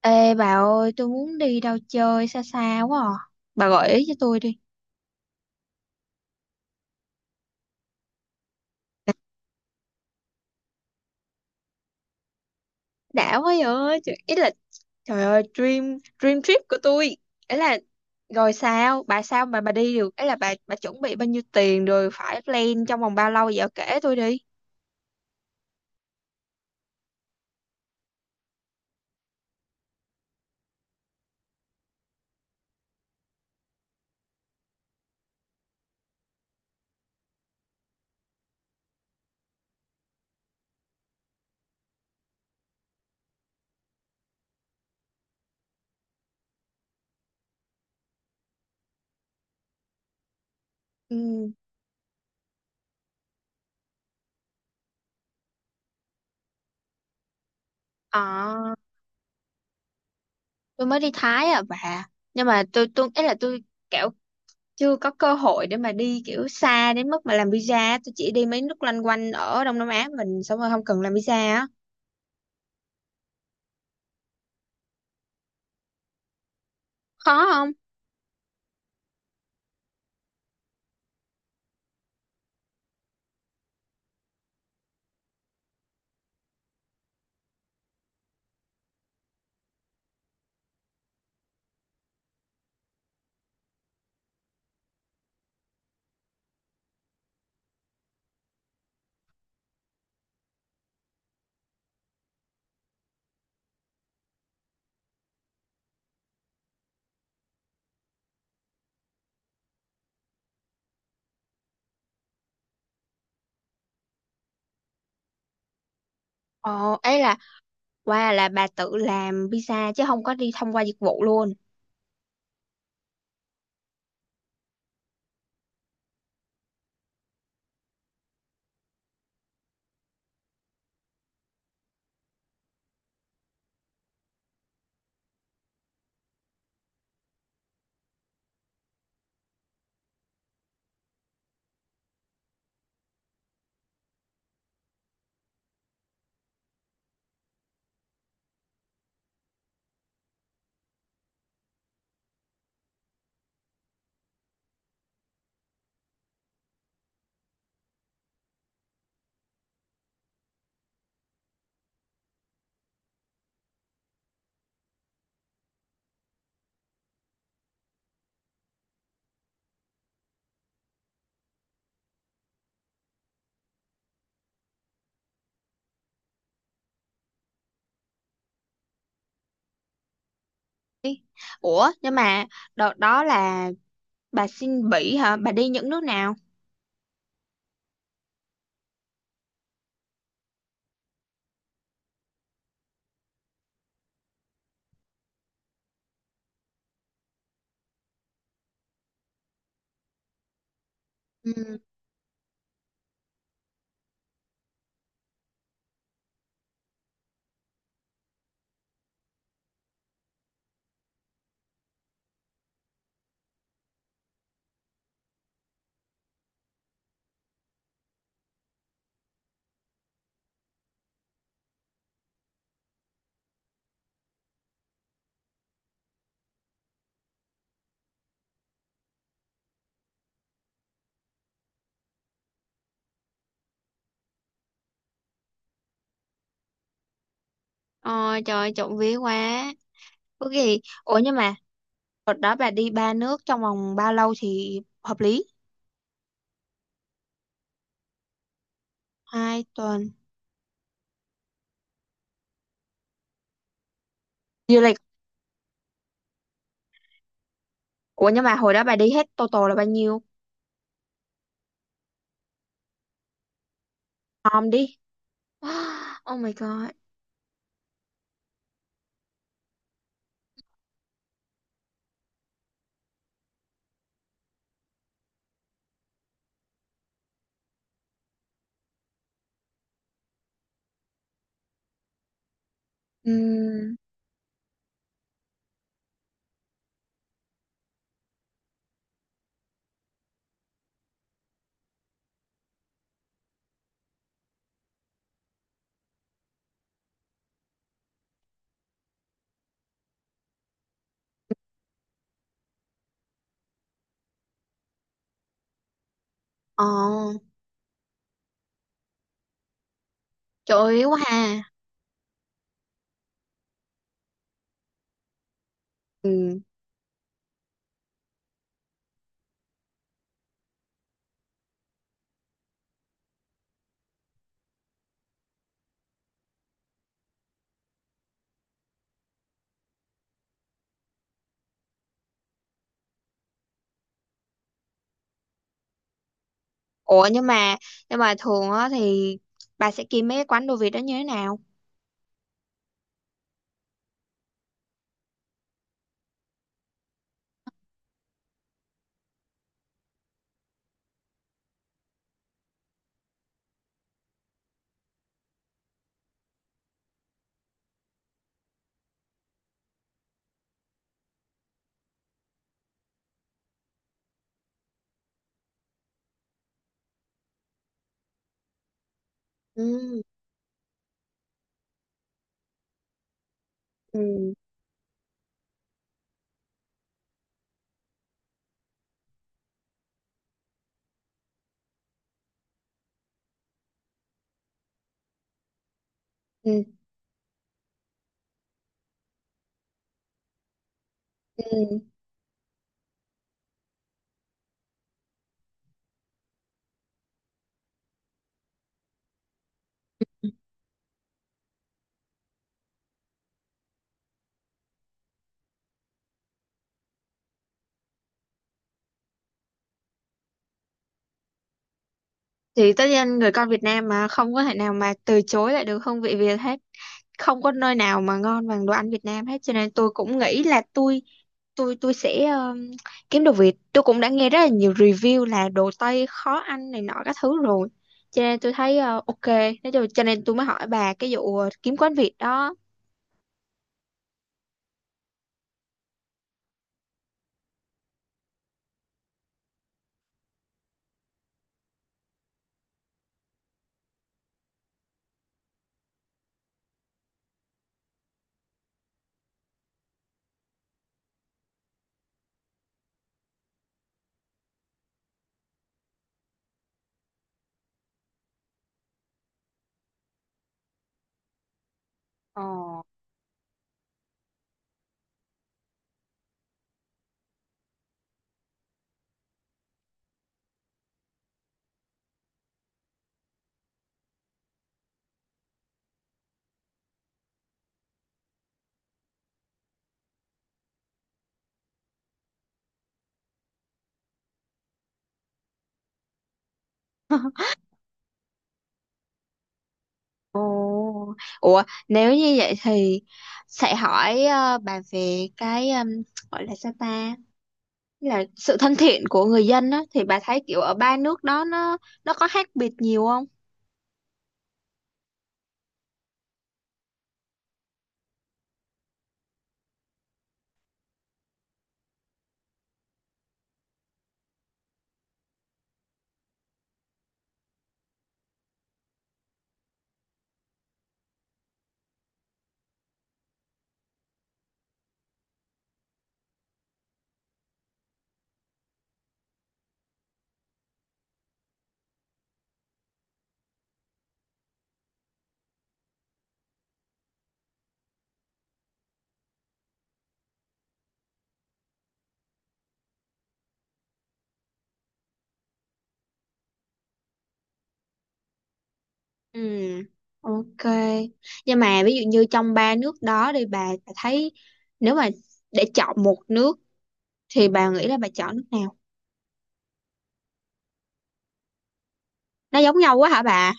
Ê bà ơi, tôi muốn đi đâu chơi xa xa quá à. Bà gợi ý cho tôi đi. Đã quá vậy, trời, ý là trời ơi dream dream trip của tôi. Ấy là rồi sao, bà sao mà bà đi được? Ấy là bà chuẩn bị bao nhiêu tiền rồi phải plan trong vòng bao lâu vậy kể tôi đi. Ừ. À, tôi mới đi Thái à bà. Nhưng mà tôi ấy là tôi kiểu chưa có cơ hội để mà đi kiểu xa đến mức mà làm visa, tôi chỉ đi mấy nước loanh quanh ở Đông Nam Á mình xong rồi không cần làm visa á. Khó. Ồ, ấy là qua là bà tự làm pizza chứ không có đi thông qua dịch vụ luôn. Ủa, nhưng mà đợt đó là bà xin Bỉ hả? Bà đi những nước nào? Ừ. Ôi trời ơi, trộm vía quá. Có gì? Ủa nhưng mà đợt đó bà đi ba nước trong vòng bao lâu thì hợp lý? Hai tuần. Du lịch. Ủa nhưng mà hồi đó bà đi hết total là bao nhiêu? Om đi. Oh my god. Ừm. Ồ, trời ơi, quá ha. Ừ. Ủa nhưng mà thường á thì bà sẽ kiếm mấy cái quán đồ Việt đó như thế nào? Ừ. Ừ. Ừ. Ừ. Thì tất nhiên người con Việt Nam mà không có thể nào mà từ chối lại được hương vị Việt hết. Không có nơi nào mà ngon bằng đồ ăn Việt Nam hết cho nên tôi cũng nghĩ là tôi sẽ kiếm đồ Việt. Tôi cũng đã nghe rất là nhiều review là đồ Tây khó ăn này nọ các thứ rồi. Cho nên tôi thấy ok, nói chung cho nên tôi mới hỏi bà cái vụ kiếm quán Việt đó. Ờ. Ồ, ủa nếu như vậy thì sẽ hỏi bà về cái gọi là sao ta là sự thân thiện của người dân á thì bà thấy kiểu ở ba nước đó nó có khác biệt nhiều không? Ừ, ok. Nhưng mà ví dụ như trong ba nước đó thì bà thấy nếu mà để chọn một nước thì bà nghĩ là bà chọn nước nào? Nó giống nhau quá hả bà?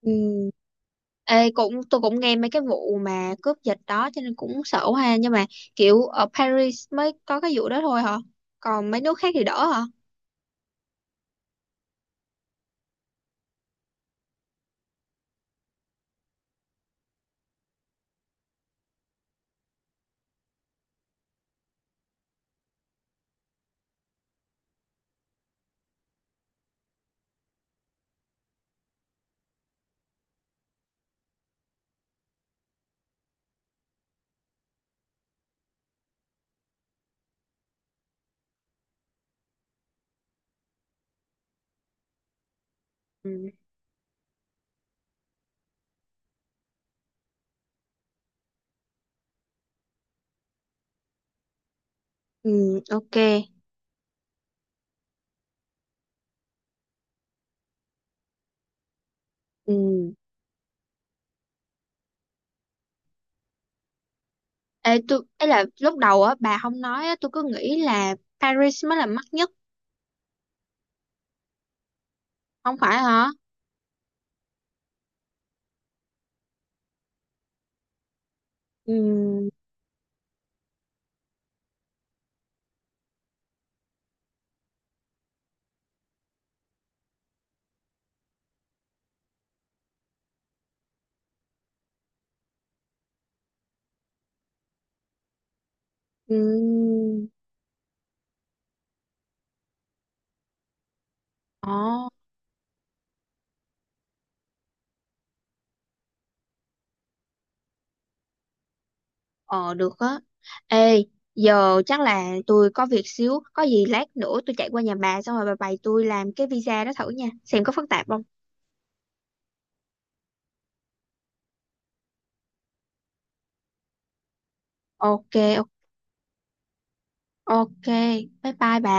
Ừ. Ê, tôi cũng nghe mấy cái vụ mà cướp giật đó cho nên cũng sợ quá ha nhưng mà kiểu ở Paris mới có cái vụ đó thôi hả? Còn mấy nước khác thì đỡ hả? Ừ, ừ, ok, ừ. Ê, tôi ấy là lúc đầu á bà không nói á tôi cứ nghĩ là Paris mới là mắc nhất. Không phải hả? Ừ, ừ, ờ. Ờ, được á. Ê, giờ chắc là tôi có việc xíu, có gì lát nữa tôi chạy qua nhà bà xong rồi bà bày tôi làm cái visa đó thử nha xem có phức tạp không. Ok. Ok, bye bye bà.